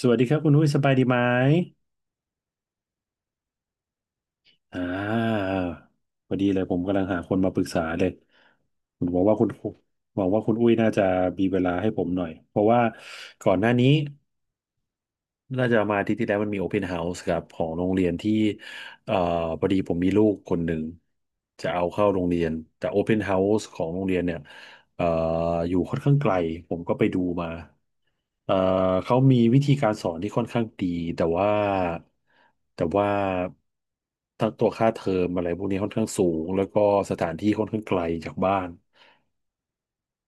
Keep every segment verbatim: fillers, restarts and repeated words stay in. สวัสดีครับคุณอุ้ยสบายดีไหมอ่าพอดีเลยผมกำลังหาคนมาปรึกษาเลยผมหวังว่าคุณหวังว่าคุณอุ้ยน่าจะมีเวลาให้ผมหน่อยเพราะว่าก่อนหน้านี้ น่าจะมาอาทิตย์ที่แล้วมันมีโอเพนเฮาส์ครับของโรงเรียนที่เอ่อพอดีผมมีลูกคนหนึ่งจะเอาเข้าโรงเรียนแต่โอเพนเฮาส์ของโรงเรียนเนี่ยเอ่ออยู่ค่อนข้างไกลผมก็ไปดูมาเอ่อเขามีวิธีการสอนที่ค่อนข้างดีแต่ว่าแต่ว่าทั้งตัวค่าเทอมอะไรพวกนี้ค่อนข้างสูงแล้วก็สถานที่ค่อนข้างไกลจากบ้าน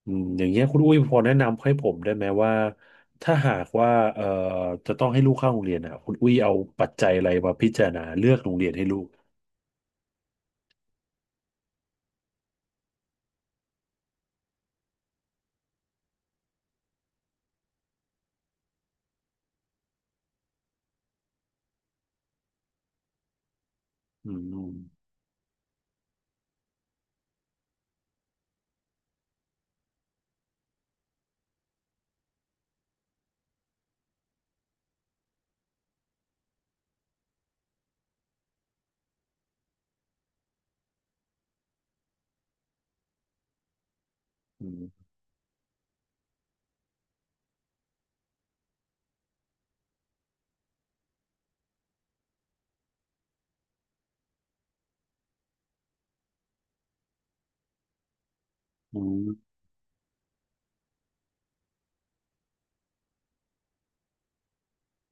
อืมอย่างเงี้ยคุณอุ้ยพอแนะนำให้ผมได้ไหมว่าถ้าหากว่าเอ่อจะต้องให้ลูกเข้าโรงเรียนอ่ะคุณอุ้ยเอาปัจจัยอะไรมาพิจารณาเลือกโรงเรียนให้ลูกอืมอืมอืม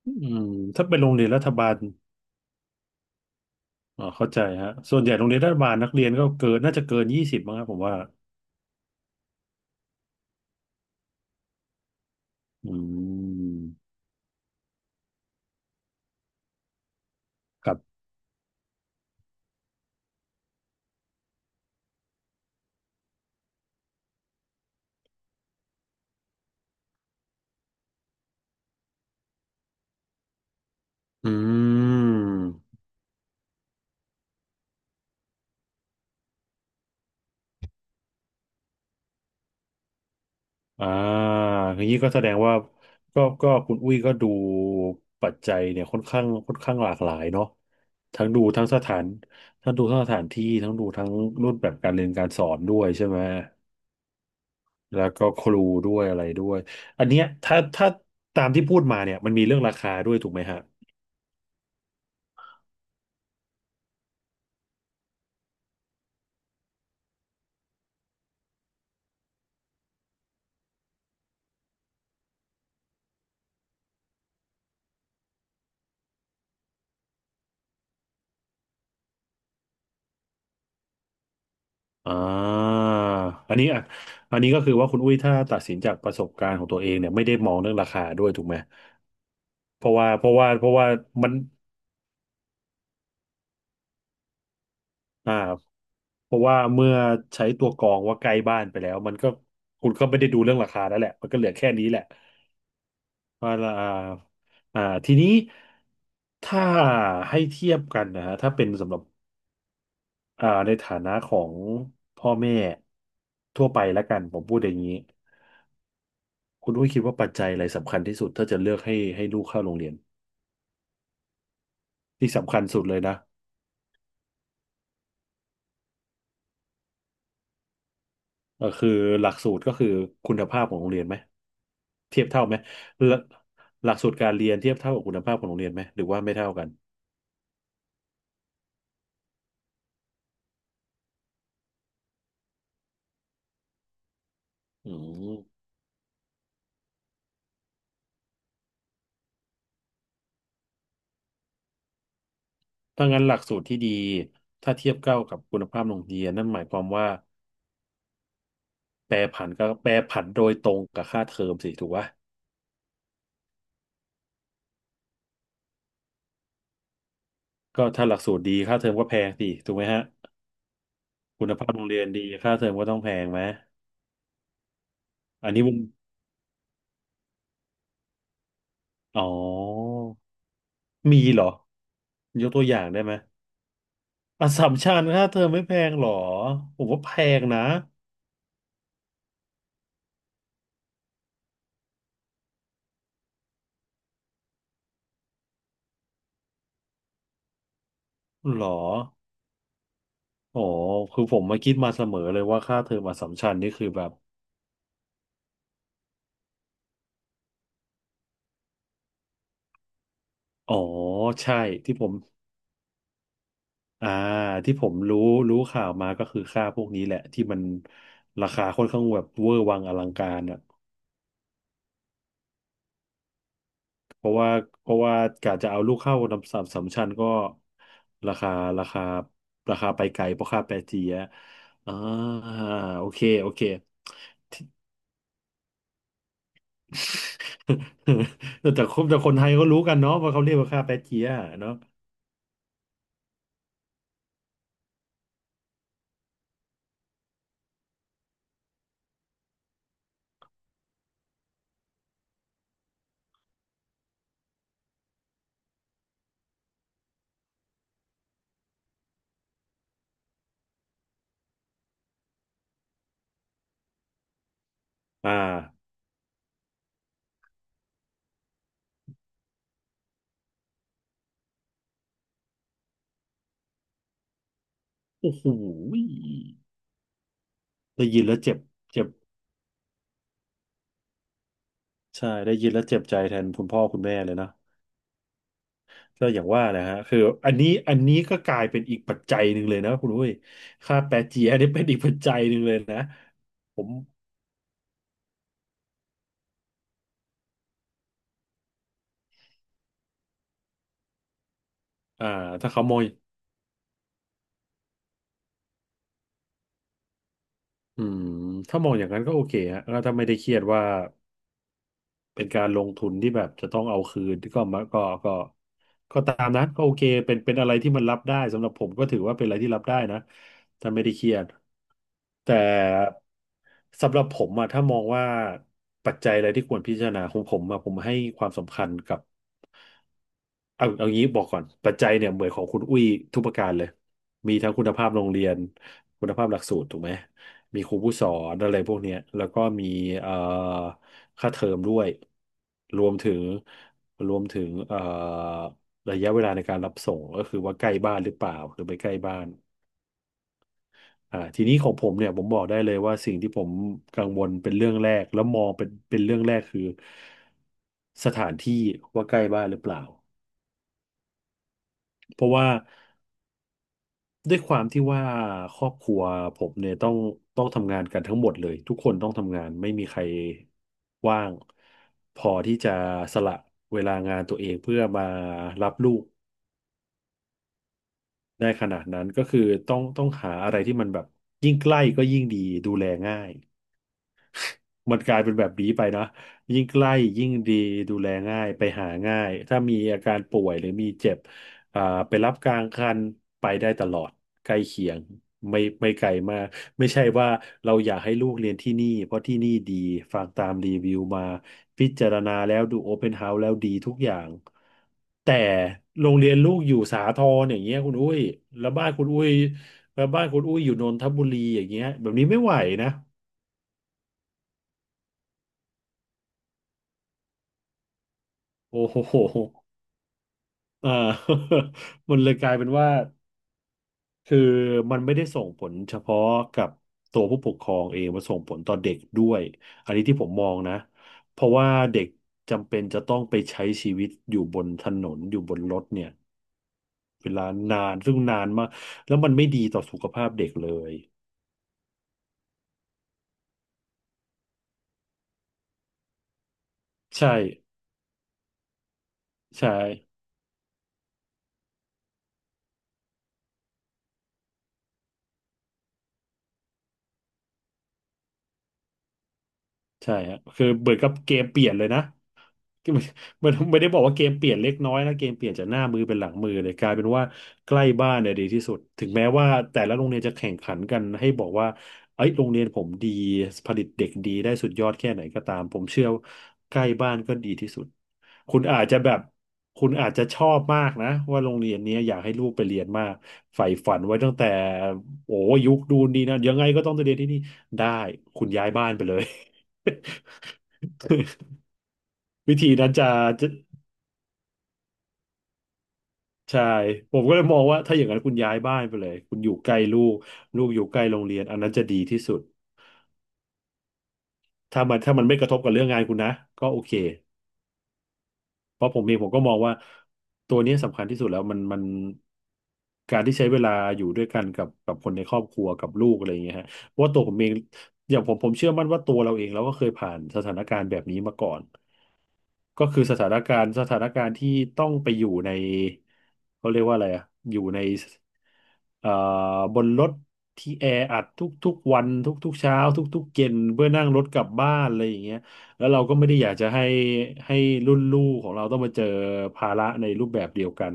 อืมถ้าเป็นโรงเรียนรัฐบาลอ๋อเข้าใจฮะส่วนใหญ่โรงเรียนรัฐบาลนักเรียนก็เกินน่าจะเกินยี่สิบมั้งครับผมว่าอืมครับอืม อ่าอย่างนี้ก็แสดงว่าก็ก็คุณอุ้ยก็ดูปัจจัยเนี่ยค่อนข้างค่อนข้างหลากหลายเนาะทั้งดูทั้งสถานทั้งดูทั้งสถานที่ทั้งดูทั้งรูปแบบการเรียนการสอนด้วยใช่ไหมแล้วก็ครูด้วยอะไรด้วยอันเนี้ยถ้าถ้าตามที่พูดมาเนี่ยมันมีเรื่องราคาด้วยถูกไหมฮะอ่าอันนี้อ่ะอันนี้ก็คือว่าคุณอุ้ยถ้าตัดสินจากประสบการณ์ของตัวเองเนี่ยไม่ได้มองเรื่องราคาด้วยถูกไหมเพราะว่าเพราะว่าเพราะว่ามัน อ่าเพราะว่าเมื่อใช้ตัวกรองว่าใกล้บ้านไปแล้วมันก็คุณก็ไม่ได้ดูเรื่องราคาแล้วแหละมันก็เหลือแค่นี้แหละว่าละอ่าอ่าทีนี้ถ้าให้เทียบกันนะฮะถ้าเป็นสำหรับอ่าในฐานะของพ่อแม่ทั่วไปแล้วกันผมพูดอย่างนี้คุณอุ้ยคิดว่าปัจจัยอะไรสำคัญที่สุดถ้าจะเลือกให้ให้ลูกเข้าโรงเรียนที่สำคัญสุดเลยนะ เออคือหลักสูตรก็คือคุณภาพของโรงเรียนไหมเทียบเท่าไหมหลักหลักสูตรการเรียนเทียบเท่ากับคุณภาพของโรงเรียนไหมหรือว่าไม่เท่ากันอืมถ้างั้นหลักสูตรที่ดีถ้าเทียบเท่ากับคุณภาพโรงเรียนนั่นหมายความว่าแปรผันก็แปรผันโดยตรงกับค่าเทอมสิถูกปะก็ถ้าหลักสูตรดีค่าเทอมก็แพงสิถูกไหมฮะคุณภาพโรงเรียนดีค่าเทอมก็ต้องแพงไหมอันนี้มุมอ๋อมีเหรอยกตัวอย่างได้ไหม อัสสัมชัญค่าเทอมไม่แพงหรอผมว่าแพงนะหรออ๋อคือผมมาคิดมาเสมอเลยว่าค่าเทอมอัสสัมชัญนี่คือแบบอ๋อใช่ที่ผมอ่าที่ผมรู้รู้ข่าวมาก็คือค่าพวกนี้แหละที่มันราคาค่อนข้างแบบเวอร์วังอลังการอ่ะเพราะว่าเพราะว่ากะจะเอาลูกเข้าอัสสัมสัมชัญก็ราคาราคาราคาไปไกลเพราะค่าแปรเจียอ่าโอเคโอเค แต่แต่คนแต่คนไทยก็รู้กันเนาะว่าเขาเรียกว่าค่าแป๊ะเจี๊ยะเนาะอ่าโอ้โหได้ยินแล้วเจ็บเจ็บใช่ได้ยินแล้วเจ็บใจแทนคุณพ่อคุณแม่เลยนะก็อย่างว่านะฮะคืออันนี้อันนี้ก็กลายเป็นอีกปัจจัยหนึ่งเลยนะคุณอุ้ยค่าแป๊ะเจี๊ยะนี่เป็นอีกปัจจัยหนึ่งเลยนะผมอ่าถ้าเขามองอืมถ้ามองอย่างนั้นก็โอเคฮะก็้วถ้าไม่ได้เครียดว่า เป็นการลงทุนที่แบบจะต้องเอาคืนก็มาก็ก็ก็ตามนั้นก็โอเคเป็นเป็นอะไรที่มันรับได้สำหรับผมก็ถือว่าเป็นอะไรที่รับได้นะถ้าไม่ได้เครียดแต่สำหรับผมอะถ้ามองว่าปัจจัยอะไรที่ควรพิจารณาของผมอะผมให้ความสำคัญกับ เอาเอางี้บอกก่อนปัจจัยเนี่ยเหมือนของคุณอุ้ยทุกประการเลยมีทั้งคุณภาพโรงเรียนคุณภาพหลักสูตรถูกไหมมีครูผู้สอนอะไรพวกเนี้ยแล้วก็มีเอ่อค่าเทอมด้วยรวมถึงรวมถึงเอ่อระยะเวลาในการรับส่งก็คือว่าใกล้บ้านหรือเปล่าหรือไม่ใกล้บ้านอ่าทีนี้ของผมเนี่ยผมบอกได้เลยว่าสิ่งที่ผมกังวลเป็นเรื่องแรกแล้วมองเป็นเป็นเรื่องแรกคือสถานที่ว่าใกล้บ้านหรือเปล่าเพราะว่า ด้วยความที่ว่าครอบครัวผมเนี่ยต้องต้องทำงานกันทั้งหมดเลยทุกคนต้องทำงานไม่มีใครว่างพอที่จะสละเวลางานตัวเองเพื่อมารับลูกได้ขนาดนั้นก็คือต้องต้องหาอะไรที่มันแบบยิ่งใกล้ก็ยิ่งดีดูแลง่าย มันกลายเป็นแบบนี้ไปนะยิ่งใกล้ยิ่งดีดูแลง่ายไปหาง่ายถ้ามีอาการป่วยหรือมีเจ็บอ่าไปรับกลางคันไปได้ตลอดใกล้เคียงไม่ไม่ไกลมากไม่ใช่ว่าเราอยากให้ลูกเรียนที่นี่เพราะที่นี่ดีฟังตามรีวิวมาพิจารณาแล้วดูโอเพนเฮาส์แล้วดีทุกอย่างแต่โรงเรียนลูกอยู่สาทรอย่างเงี้ยคุณอุ้ยแล้วบ้านคุณอุ้ยแล้วบ้านคุณอุ้ยอยู่นนทบุรีอย่างเงี้ยแบบนี้ไม่ไหวนะโอ้โห อ่า มันเลยกลายเป็นว่าคือมันไม่ได้ส่งผลเฉพาะกับตัวผู้ปกครองเองมันส่งผลต่อเด็กด้วยอันนี้ที่ผมมองนะเพราะว่าเด็กจำเป็นจะต้องไปใช้ชีวิตอยู่บนถนนอยู่บนรถเนี่ยเวลานานซึ่งนานมากแล้วมันไม่ดีต่อสุขภาพเด็กเลยใช่ใช่ใช่ฮะคือเหมือนกับเกมเปลี่ยนเลยนะ ก็ไม่ ไม่ไม่ได้บอกว่าเกมเปลี่ยนเล็กน้อยนะเกมเปลี่ยนจากหน้ามือเป็นหลังมือเลยกลายเป็นว่าใกล้บ้านเนี่ยดีที่สุดถึงแม้ว่าแต่ละโรงเรียนจะแข่งขันกันให้บอกว่าเอ้ยโรงเรียนผมดีผลิตเด็กดีได้สุดยอดแค่ไหนก็ตามผมเชื่อว่าใกล้บ้านก็ดีที่สุดคุณอาจจะแบบคุณอาจจะชอบมากนะว่าโรงเรียนเนี้ยอยากให้ลูกไปเรียนมากใฝ่ฝันไว้ตั้งแต่โอ้ยุคดูนดีนะยังไงก็ต้องไปเรียนที่นี่ได้คุณย้ายบ้านไปเลย วิธีนั้นจะ ใช่ผมก็เลยมองว่าถ้าอย่างนั้นคุณย้ายบ้านไปเลยคุณอยู่ใกล้ลูกลูกอยู่ใกล้โรงเรียนอันนั้นจะดีที่สุดถ้ามันถ้ามันไม่กระทบกับเรื่องงานคุณนะก็โอเคเพราะผมเองผมก็มองว่าตัวนี้สำคัญที่สุดแล้วมันมันการที่ใช้เวลาอยู่ด้วยกันกับกับคนในครอบครัวกับลูกอะไรอย่างเงี้ยฮะเพราะว่าตัวผมเองอย่างผมผมเชื่อมั่นว่าตัวเราเองเราก็เคยผ่านสถานการณ์แบบนี้มาก่อน ก็คือสถานการณ์สถานการณ์ที่ต้องไปอยู่ในเขาเรียกว่าอะไรอะอยู่ในเอ่อบนรถที่แออัดทุกๆวันทุกๆเช้าทุกๆเย็นเพื่อนั่งรถกลับบ้านอะไรอย่างเงี้ยแล้วเราก็ไม่ได้อยากจะให้ให้รุ่นลูกของเราต้องมาเจอภาระในรูปแบบเดียวกัน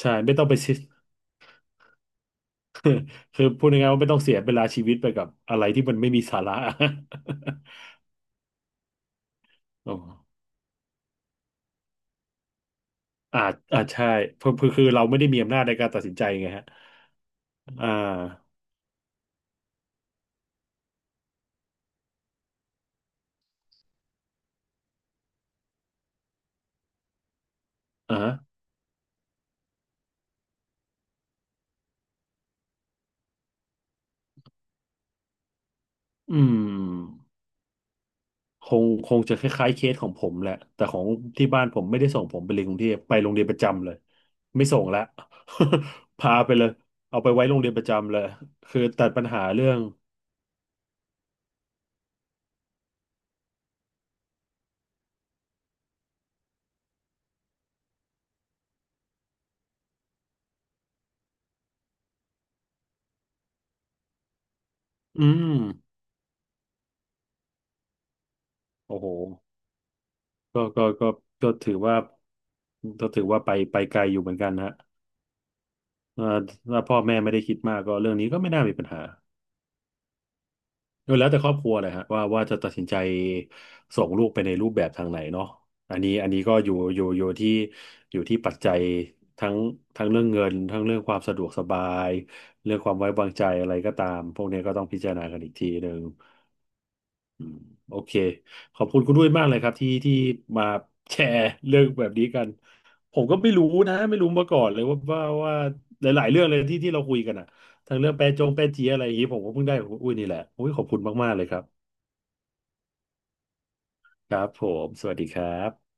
ใช่ไม่ต้องไป เสียคือพูดง่ายๆว่าไม่ต้องเสียเวลาชีวิตไปกับอะไรที่มันไม่มีสาระ อ๋ออาจอาจใช่คือคือคือเราไม่ได้มีอำนาจในการตัดสินใจไงฮะอ่า อ่าฮะอืมคงคงจะคล้ายๆเคสของผมแหละแต่ของที่บ้านผมไม่ได้ส่งผมไปเรียนกรุงเทพไปโรงเรียนประจำเลย ไม่ส่งละ พาไปเลยเอาไปไว้โรงเรียนประจำเลยคือตัดปัญหาเรื่องอืมโอ้โหก็ก็ก็ก็ถือว่าก็ถือว่าไปไปไกลอยู่เหมือนกันฮะเอ่อถ้าพ่อแม่ไม่ได้คิดมากก็เรื่องนี้ก็ไม่น่ามีปัญหา แล้วแต่ครอบครัวเลยฮะว่าว่าจะตัดสินใจส่งลูกไปในรูปแบบทางไหนเนาะอันนี้อันนี้ก็อยู่อยู่อยู่ที่อยู่ที่ปัจจัยทั้งทั้งเรื่องเงินทั้งเรื่องความสะดวกสบายเรื่องความไว้วางใจอะไรก็ตามพวกนี้ก็ต้องพิจารณากันอีกทีหนึ่งอืมโอเคขอบคุณคุณด้วยมากเลยครับที่ที่มาแชร์เรื่องแบบนี้กันผมก็ไม่รู้นะไม่รู้มาก่อนเลยว่าว่าว่าหลายๆเรื่องเลยที่ที่เราคุยกันอะทั้งเรื่องแปรจงแปรจีอะไรอย่างนี้ผมก็เพิ่งได้ของคุณอุ้ยนี่แหละอุ้ยขอบคุณมากๆเลยครับ ครับผมสวัสดีครับ